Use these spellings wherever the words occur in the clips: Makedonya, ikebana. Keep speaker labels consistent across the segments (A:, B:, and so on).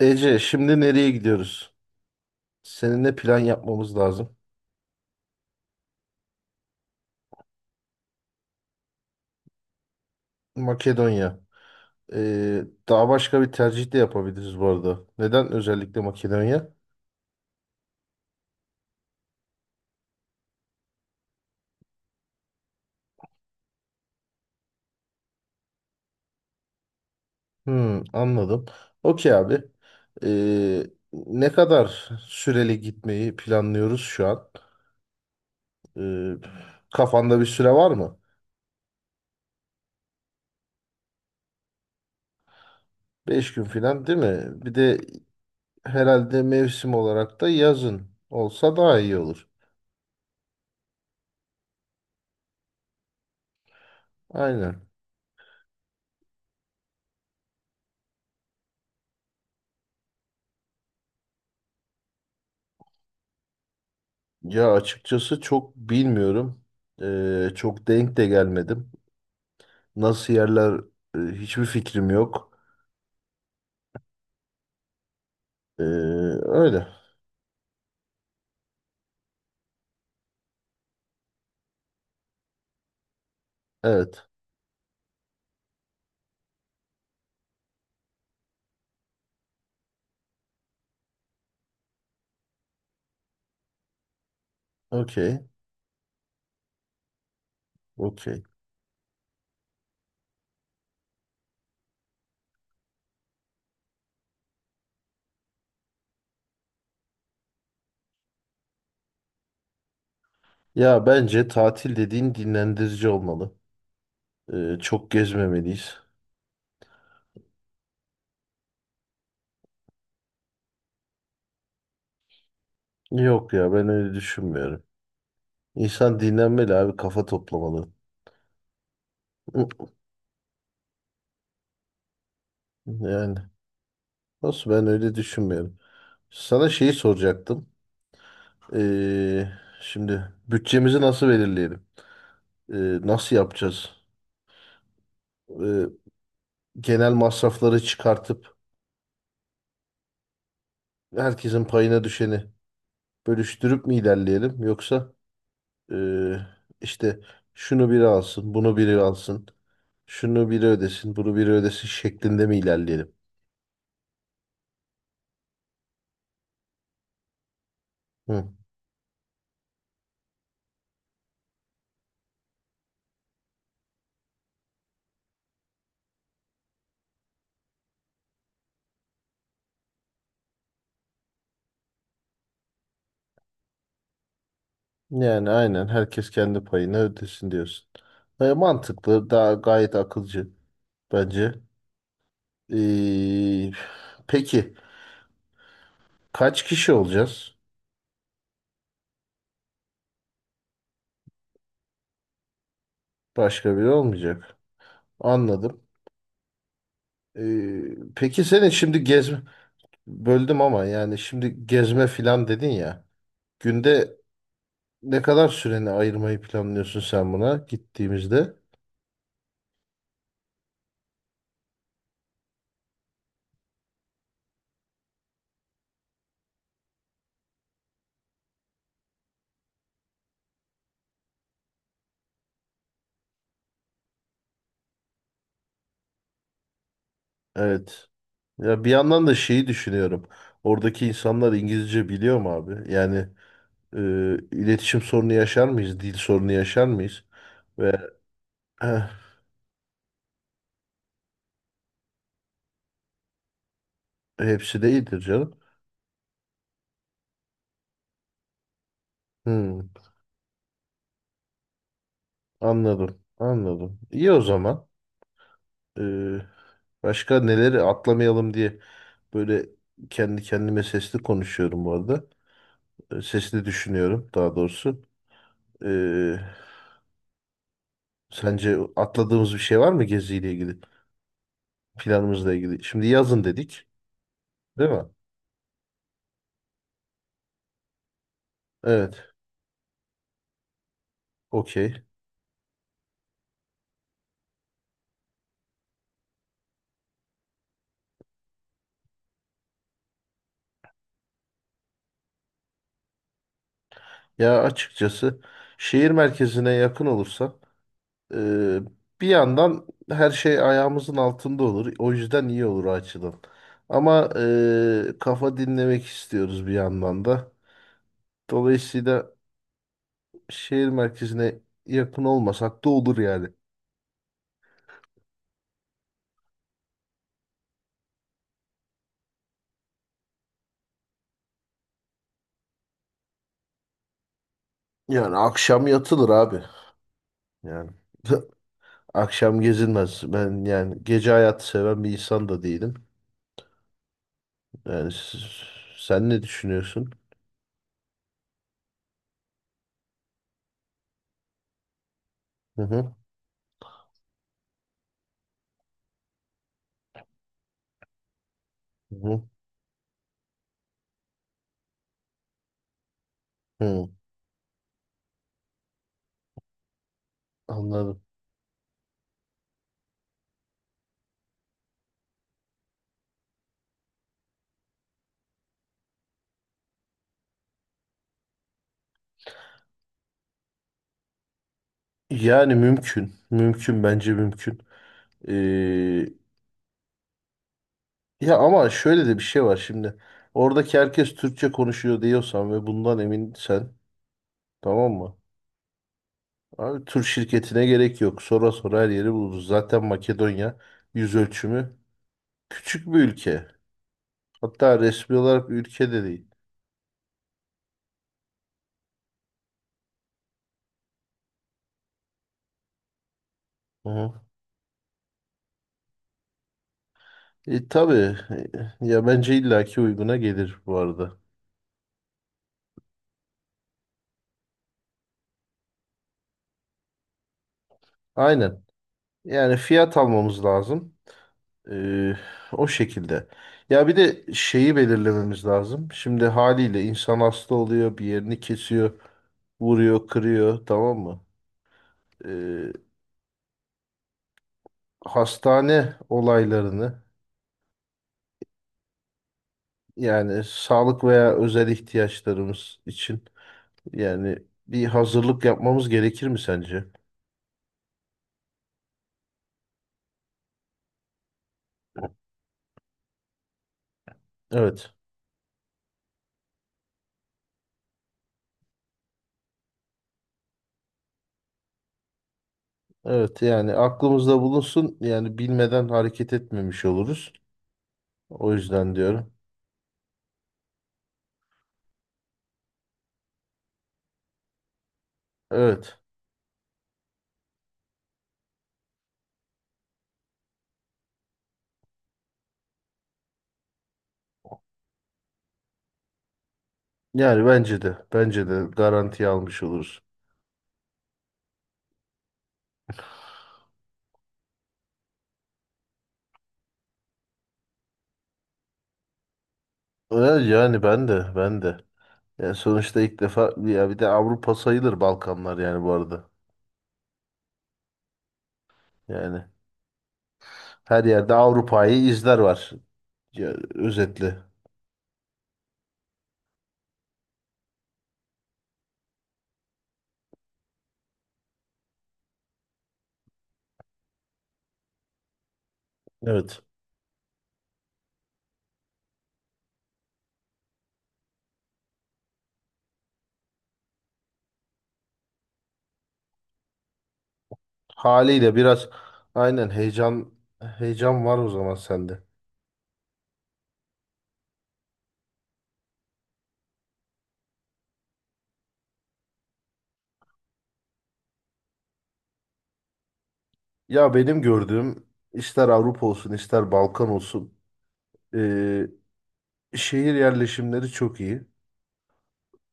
A: Ece, şimdi nereye gidiyoruz? Seninle plan yapmamız lazım. Makedonya. Ee, Daha başka bir tercih de yapabiliriz bu arada. Neden özellikle Makedonya? Hmm, anladım. Okey abi. Ee, Ne kadar süreli gitmeyi planlıyoruz şu an? Ee, Kafanda bir süre var mı? Beş gün falan değil mi? Bir de herhalde mevsim olarak da yazın olsa daha iyi olur. Aynen. Ya açıkçası çok bilmiyorum. Çok denk de gelmedim. Nasıl yerler hiçbir fikrim yok. Ee, Öyle. Evet. Okey. Okey. Ya bence tatil dediğin dinlendirici olmalı. Çok gezmemeliyiz. Yok ya ben öyle düşünmüyorum. İnsan dinlenmeli abi, kafa toplamalı. Hı, Yani nasıl, ben öyle düşünmüyorum. Sana şeyi soracaktım. Ee, Şimdi bütçemizi nasıl belirleyelim? Ee, Nasıl yapacağız? e, Genel masrafları çıkartıp herkesin payına düşeni bölüştürüp mi ilerleyelim, yoksa e, işte şunu biri alsın, bunu biri alsın, şunu biri ödesin, bunu biri ödesin şeklinde mi ilerleyelim? Hı. Yani aynen, herkes kendi payını ödesin diyorsun. E, mantıklı, daha gayet akılcı bence. E, peki kaç kişi olacağız? Başka biri olmayacak. Anladım. E, peki senin şimdi gezme, böldüm ama, yani şimdi gezme filan dedin ya. Günde ne kadar süreni ayırmayı planlıyorsun sen buna gittiğimizde? Evet. Ya bir yandan da şeyi düşünüyorum. Oradaki insanlar İngilizce biliyor mu abi? Yani e, iletişim sorunu yaşar mıyız? Dil sorunu yaşar mıyız? Ve eh, hepsi de iyidir canım. Hmm, anladım. Anladım. İyi o zaman. E, Başka neleri atlamayalım diye böyle kendi kendime sesli konuşuyorum bu arada. Sesini düşünüyorum daha doğrusu. Ee, Sence atladığımız bir şey var mı geziyle ilgili, planımızla ilgili? Şimdi yazın dedik, değil mi? Evet, okey. Ya açıkçası şehir merkezine yakın olursa e, bir yandan her şey ayağımızın altında olur. O yüzden iyi olur o açıdan. Ama kafa dinlemek istiyoruz bir yandan da. Dolayısıyla şehir merkezine yakın olmasak da olur yani. Yani akşam yatılır abi. Yani akşam gezilmez. Ben yani gece hayatı seven bir insan da değilim. Yani sen ne düşünüyorsun? Hı hı. Hı hı. Anladım. Yani mümkün. Mümkün, bence mümkün. Ee, Ya ama şöyle de bir şey var şimdi. Oradaki herkes Türkçe konuşuyor diyorsan ve bundan eminsen, tamam mı? Abi, tur şirketine gerek yok. Sonra her yeri buluruz. Zaten Makedonya yüz ölçümü küçük bir ülke. Hatta resmi olarak bir ülke de değil. Hı hı. E, tabii. Ya bence illaki uyguna gelir bu arada. Aynen. Yani fiyat almamız lazım. E, o şekilde. Ya bir de şeyi belirlememiz lazım. Şimdi haliyle insan hasta oluyor, bir yerini kesiyor, vuruyor, kırıyor, tamam mı? E, Hastane olaylarını, yani sağlık veya özel ihtiyaçlarımız için, yani bir hazırlık yapmamız gerekir mi sence? Evet. Evet, yani aklımızda bulunsun, yani bilmeden hareket etmemiş oluruz. O yüzden diyorum. Evet. Yani bence de garantiye almış oluruz. Evet, yani ben de. Yani sonuçta ilk defa, ya bir de Avrupa sayılır Balkanlar yani bu arada. Yani her yerde Avrupa'yı izler var. Ya, özetle. Evet. Haliyle biraz, aynen, heyecan var o zaman sende. Ya benim gördüğüm, ister Avrupa olsun ister Balkan olsun, şehir yerleşimleri çok iyi.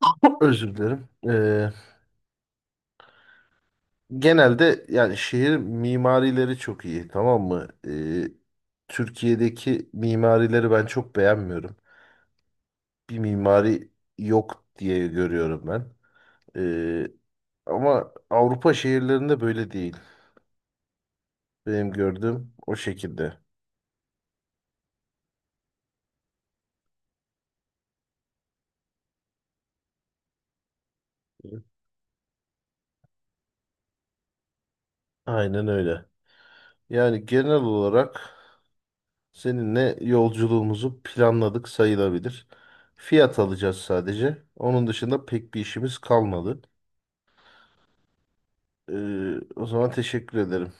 A: Özür dilerim. Genelde yani şehir mimarileri çok iyi, tamam mı? Türkiye'deki mimarileri ben çok beğenmiyorum. Bir mimari yok diye görüyorum ben. Ee, Ama Avrupa şehirlerinde böyle değil. Benim gördüğüm o şekilde. Aynen öyle. Yani genel olarak. Seninle yolculuğumuzu planladık sayılabilir. Fiyat alacağız sadece. Onun dışında pek bir işimiz kalmadı. O zaman teşekkür ederim.